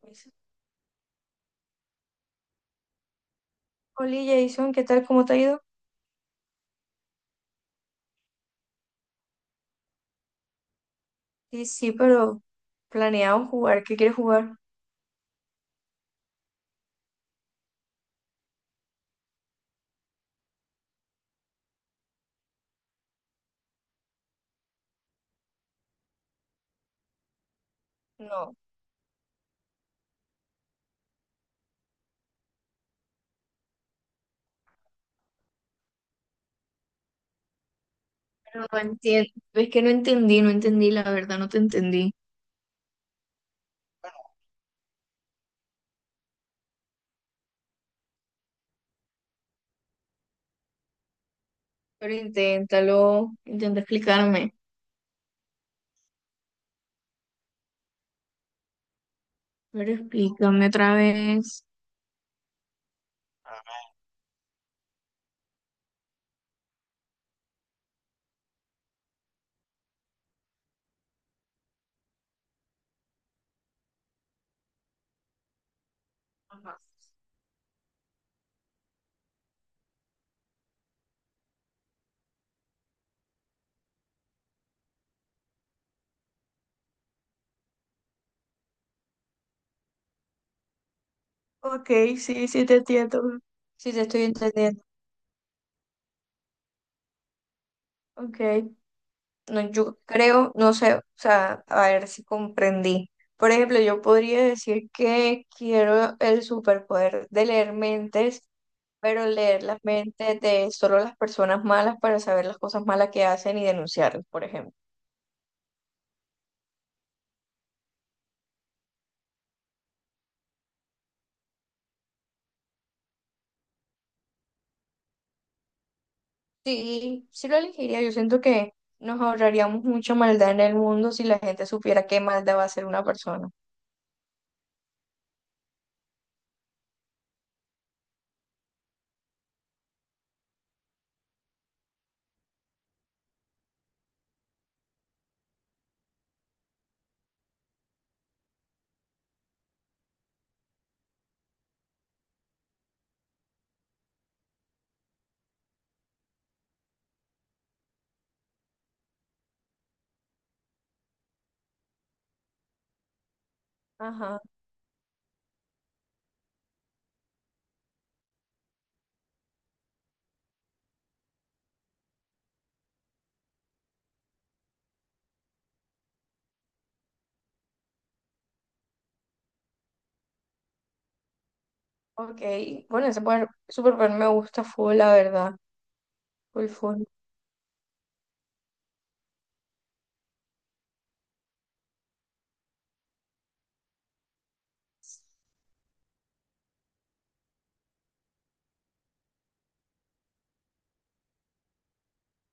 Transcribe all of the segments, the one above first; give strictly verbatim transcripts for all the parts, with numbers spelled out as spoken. Hola Jason, ¿qué tal? ¿Cómo te ha ido? Sí, sí, pero planeamos jugar. ¿Qué quieres jugar? No. Pero no entiendo, es que no entendí, no entendí, la verdad, no te entendí. Pero inténtalo, intenta explicarme. Pero explícame otra vez. Ajá. Ok, sí, sí te entiendo. Sí te estoy entendiendo. Ok. No, yo creo, no sé, o sea, a ver si comprendí. Por ejemplo, yo podría decir que quiero el superpoder de leer mentes, pero leer las mentes de solo las personas malas para saber las cosas malas que hacen y denunciarlas, por ejemplo. Sí, sí lo elegiría. Yo siento que nos ahorraríamos mucha maldad en el mundo si la gente supiera qué maldad va a hacer una persona. Ajá, ok. Bueno, ese poder- superpoder me gusta full, la verdad. Full, full.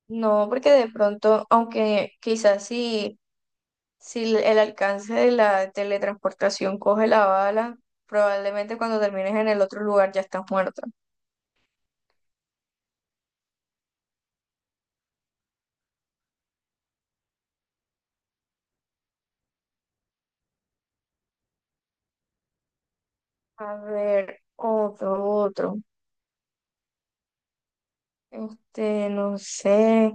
No, porque de pronto, aunque quizás si, si el el alcance de la teletransportación coge la bala, probablemente cuando termines en el otro lugar ya estás muerta. A ver, otro, otro. Este, no sé.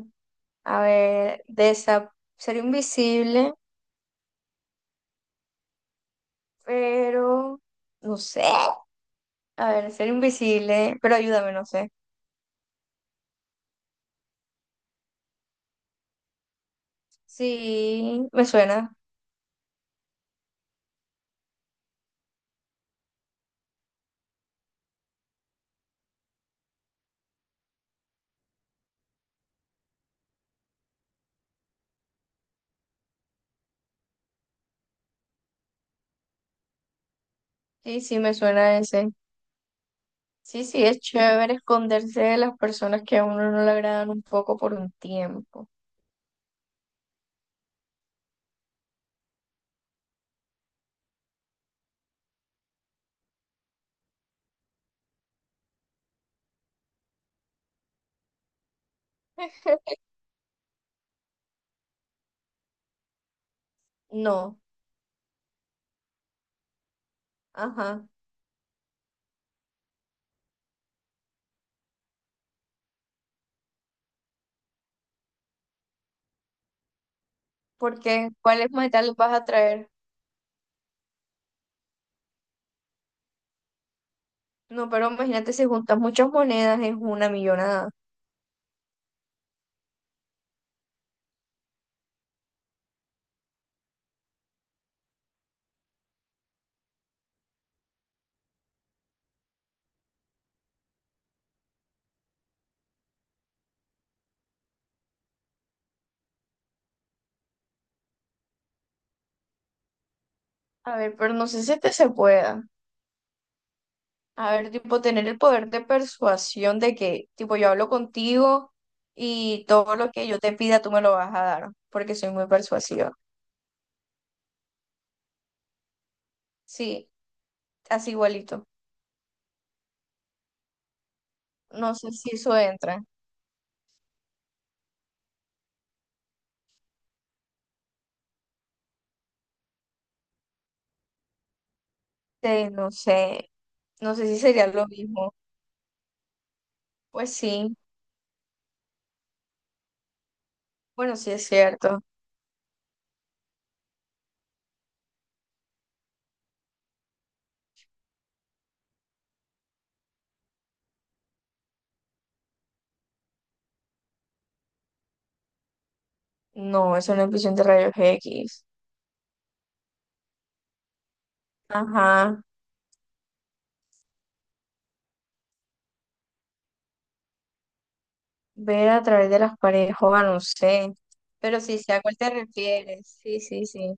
A ver, desa ser invisible, pero no sé. A ver, ser invisible, pero ayúdame, no sé. Sí, me suena. Sí, sí, me suena ese. Sí, sí, es chévere esconderse de las personas que a uno no le agradan un poco por un tiempo. No, ajá. Porque, ¿cuáles metales vas a traer? No, pero imagínate si juntas muchas monedas es una millonada. A ver, pero no sé si este se pueda. A ver, tipo, tener el poder de persuasión de que, tipo, yo hablo contigo y todo lo que yo te pida tú me lo vas a dar, porque soy muy persuasiva. Sí, así igualito. No sé si eso entra. Eh, no sé, no sé si sería lo mismo. Pues sí, bueno, sí es cierto. No, es una emisión de rayos X. Ajá, ver a través de las paredes, joda, no sé. Pero sí sé a cuál te refieres. Sí, sí, sí.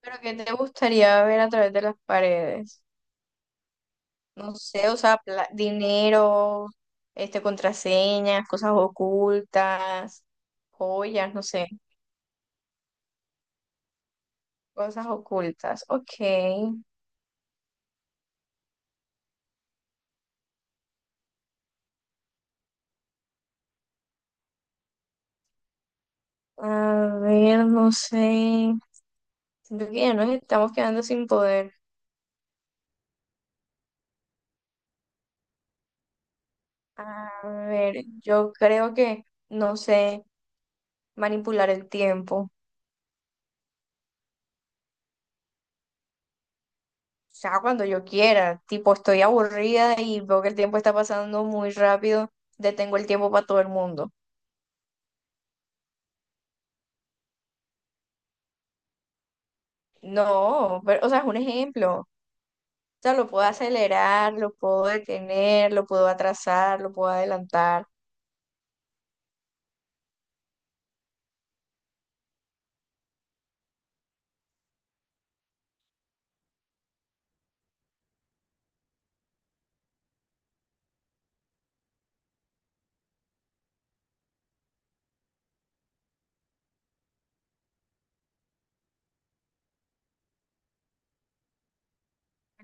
Pero ¿qué te gustaría ver a través de las paredes? No sé, o sea, pla- dinero, este, contraseñas, cosas ocultas, joyas, no sé, cosas ocultas. Ok, a ver, no sé. Siento que ya nos estamos quedando sin poder. A ver, yo creo que, no sé, manipular el tiempo. O sea, cuando yo quiera, tipo, estoy aburrida y veo que el tiempo está pasando muy rápido, detengo el tiempo para todo el mundo. No, pero, o sea, es un ejemplo. O sea, lo puedo acelerar, lo puedo detener, lo puedo atrasar, lo puedo adelantar.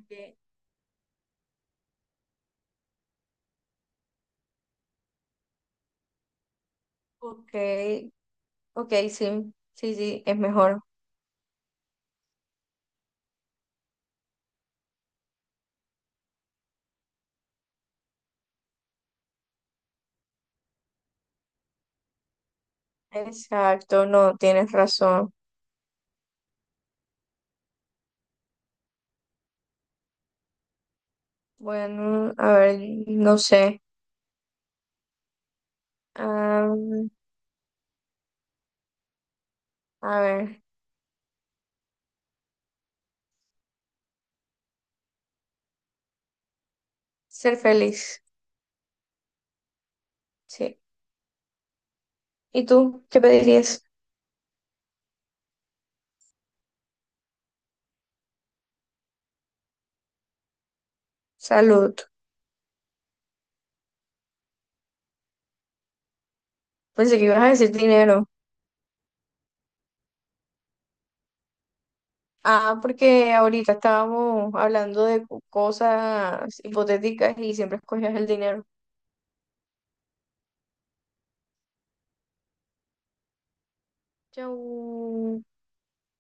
Ok, ok, ok, sí, sí, sí, es mejor. Exacto, no, tienes razón. Bueno, a ver, no sé. Am, a ver, ser feliz, sí. ¿Y tú qué pedirías? Salud. Pensé que ibas a decir dinero. Ah, porque ahorita estábamos hablando de cosas hipotéticas y siempre escogías el dinero. Chau.